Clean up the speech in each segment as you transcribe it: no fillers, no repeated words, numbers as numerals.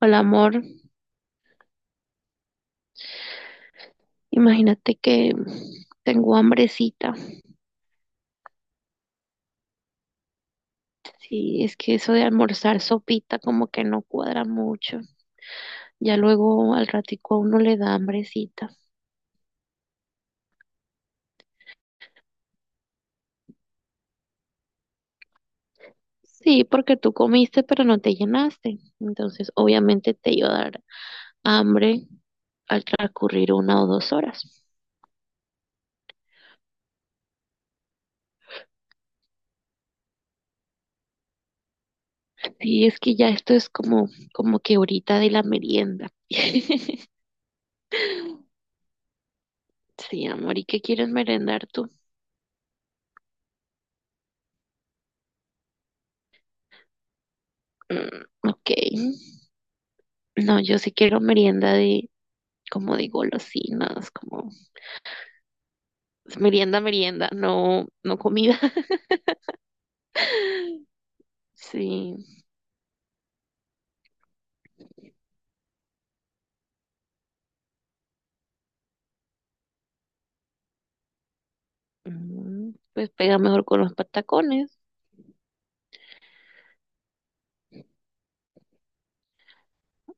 Hola, amor. Imagínate que tengo hambrecita. Sí, es que eso de almorzar sopita como que no cuadra mucho. Ya luego al ratico a uno le da hambrecita. Sí, porque tú comiste pero no te llenaste. Entonces, obviamente te iba a dar hambre al transcurrir una o dos horas. Sí, es que ya esto es como que ahorita de la merienda. Sí, amor, ¿y qué quieres merendar tú? Mm, ok. No, yo sí quiero merienda de, como de golosinas, como merienda, merienda, no, no comida. Sí, mm, pues pega mejor con los patacones.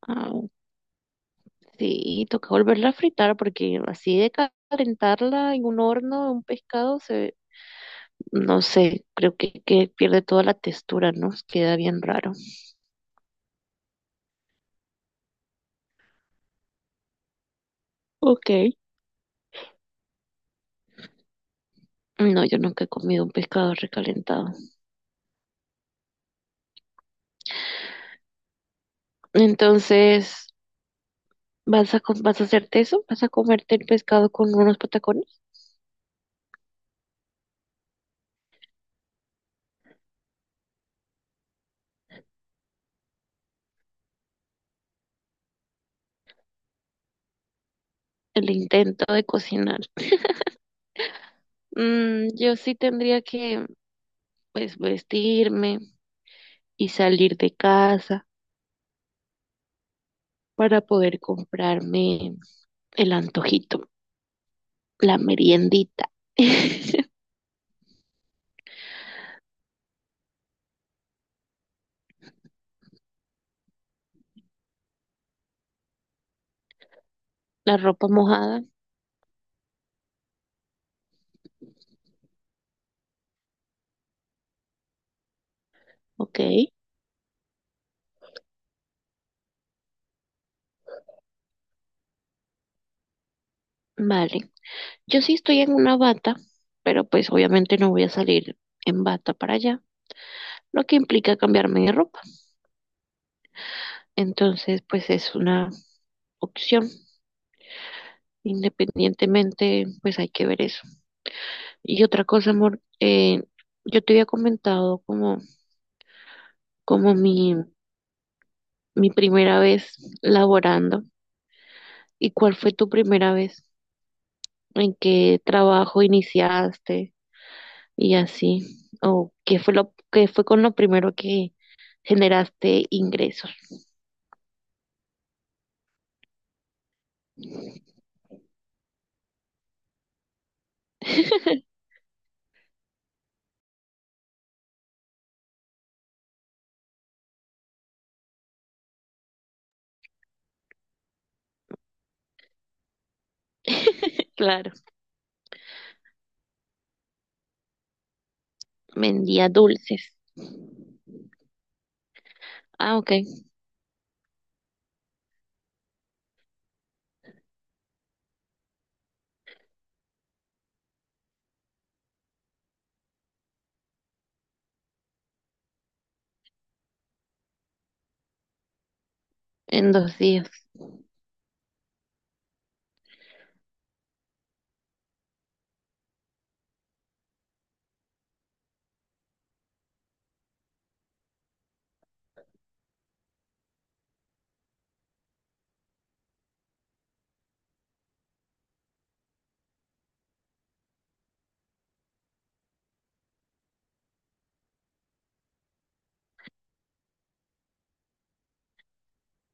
Ah, sí, toca volverla a fritar porque así de calentarla en un horno un pescado se, no sé, creo que pierde toda la textura, ¿no? Queda bien raro. Ok. No, yo nunca he comido un pescado recalentado. Entonces, ¿vas a, vas a hacerte eso? ¿Vas a comerte el pescado con unos patacones? El intento de cocinar. Mm, yo sí tendría que, pues, vestirme y salir de casa para poder comprarme el antojito, la meriendita. La ropa mojada, ok, vale. Yo sí estoy en una bata, pero pues obviamente no voy a salir en bata para allá, lo que implica cambiarme de ropa. Entonces, pues es una opción. Independientemente, pues hay que ver eso. Y otra cosa, amor, yo te había comentado como, como mi primera vez laborando y cuál fue tu primera vez, en qué trabajo iniciaste y así, o qué fue lo, qué fue con lo primero que generaste ingresos. Claro, vendía dulces. Ah, ok, en dos días.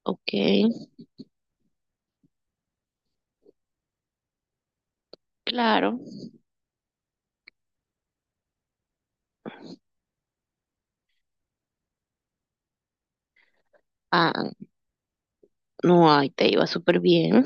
Ok, claro. Ah, no, ahí te iba súper bien.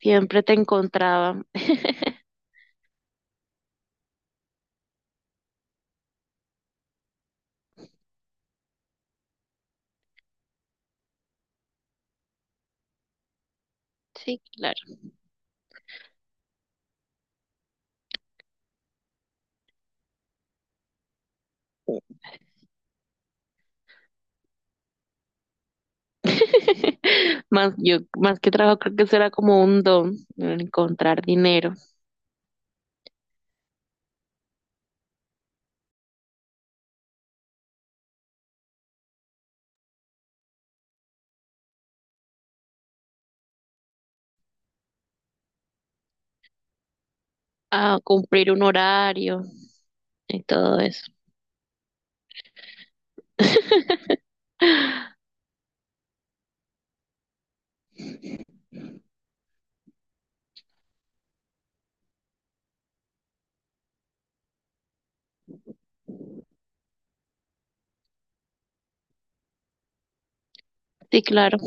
Siempre te encontraba. Sí, claro. Más, yo, más que trabajo, creo que será como un don, el encontrar dinero, a cumplir un horario y todo eso. Sí, claro.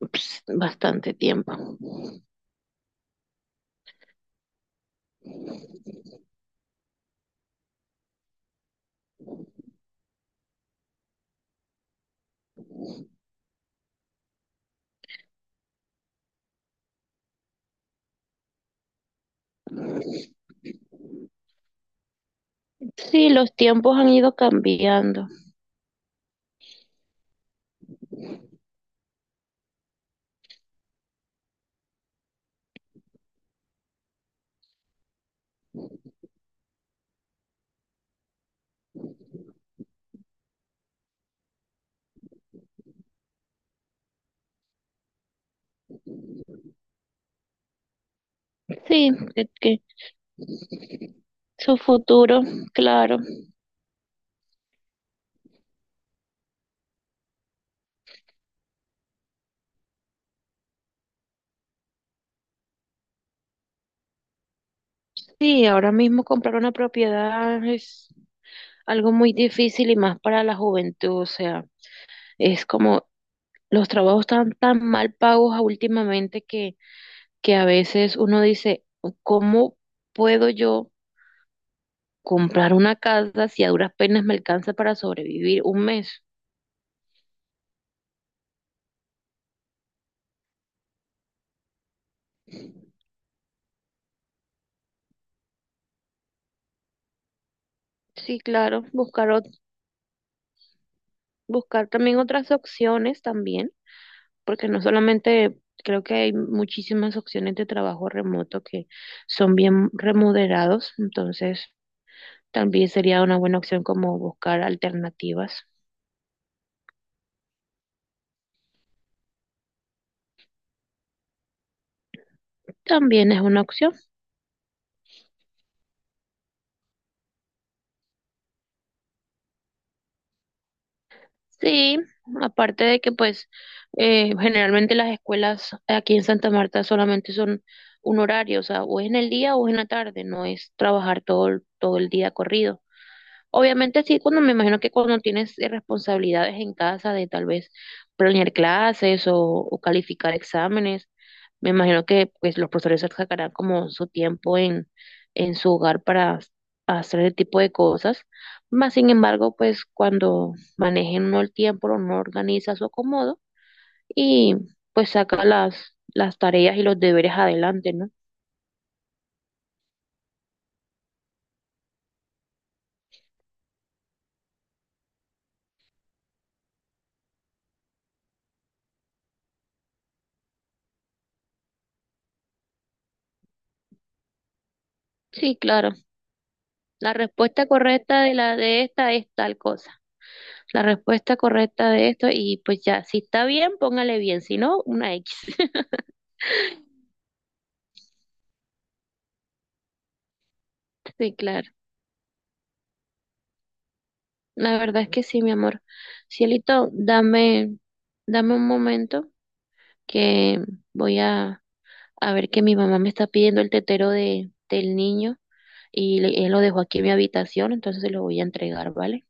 Ups, bastante tiempo. Sí, los tiempos han ido cambiando. Sí, de que su futuro, claro. Sí, ahora mismo comprar una propiedad es algo muy difícil y más para la juventud. O sea, es como los trabajos están tan mal pagos últimamente que a veces uno dice, ¿cómo puedo yo comprar una casa si a duras penas me alcanza para sobrevivir un mes? Sí, claro, buscar, buscar también otras opciones también. Porque no solamente creo que hay muchísimas opciones de trabajo remoto que son bien remunerados, entonces también sería una buena opción como buscar alternativas. También es una opción. Sí, aparte de que pues generalmente las escuelas aquí en Santa Marta solamente son un horario, o sea, o es en el día o es en la tarde, no es trabajar todo, todo el día corrido. Obviamente sí, cuando me imagino que cuando tienes responsabilidades en casa de tal vez planear clases o calificar exámenes, me imagino que pues los profesores sacarán como su tiempo en su hogar para hacer ese tipo de cosas. Más sin embargo, pues cuando manejen uno el tiempo, uno organiza su acomodo y pues saca las tareas y los deberes adelante, ¿no? Sí, claro. La respuesta correcta de la de esta es tal cosa. La respuesta correcta de esto y pues ya, si está bien, póngale bien, si no, una X. Sí, claro. La verdad es que sí, mi amor. Cielito, dame un momento que voy a ver que mi mamá me está pidiendo el tetero de, del niño y él lo dejó aquí en mi habitación, entonces se lo voy a entregar, ¿vale?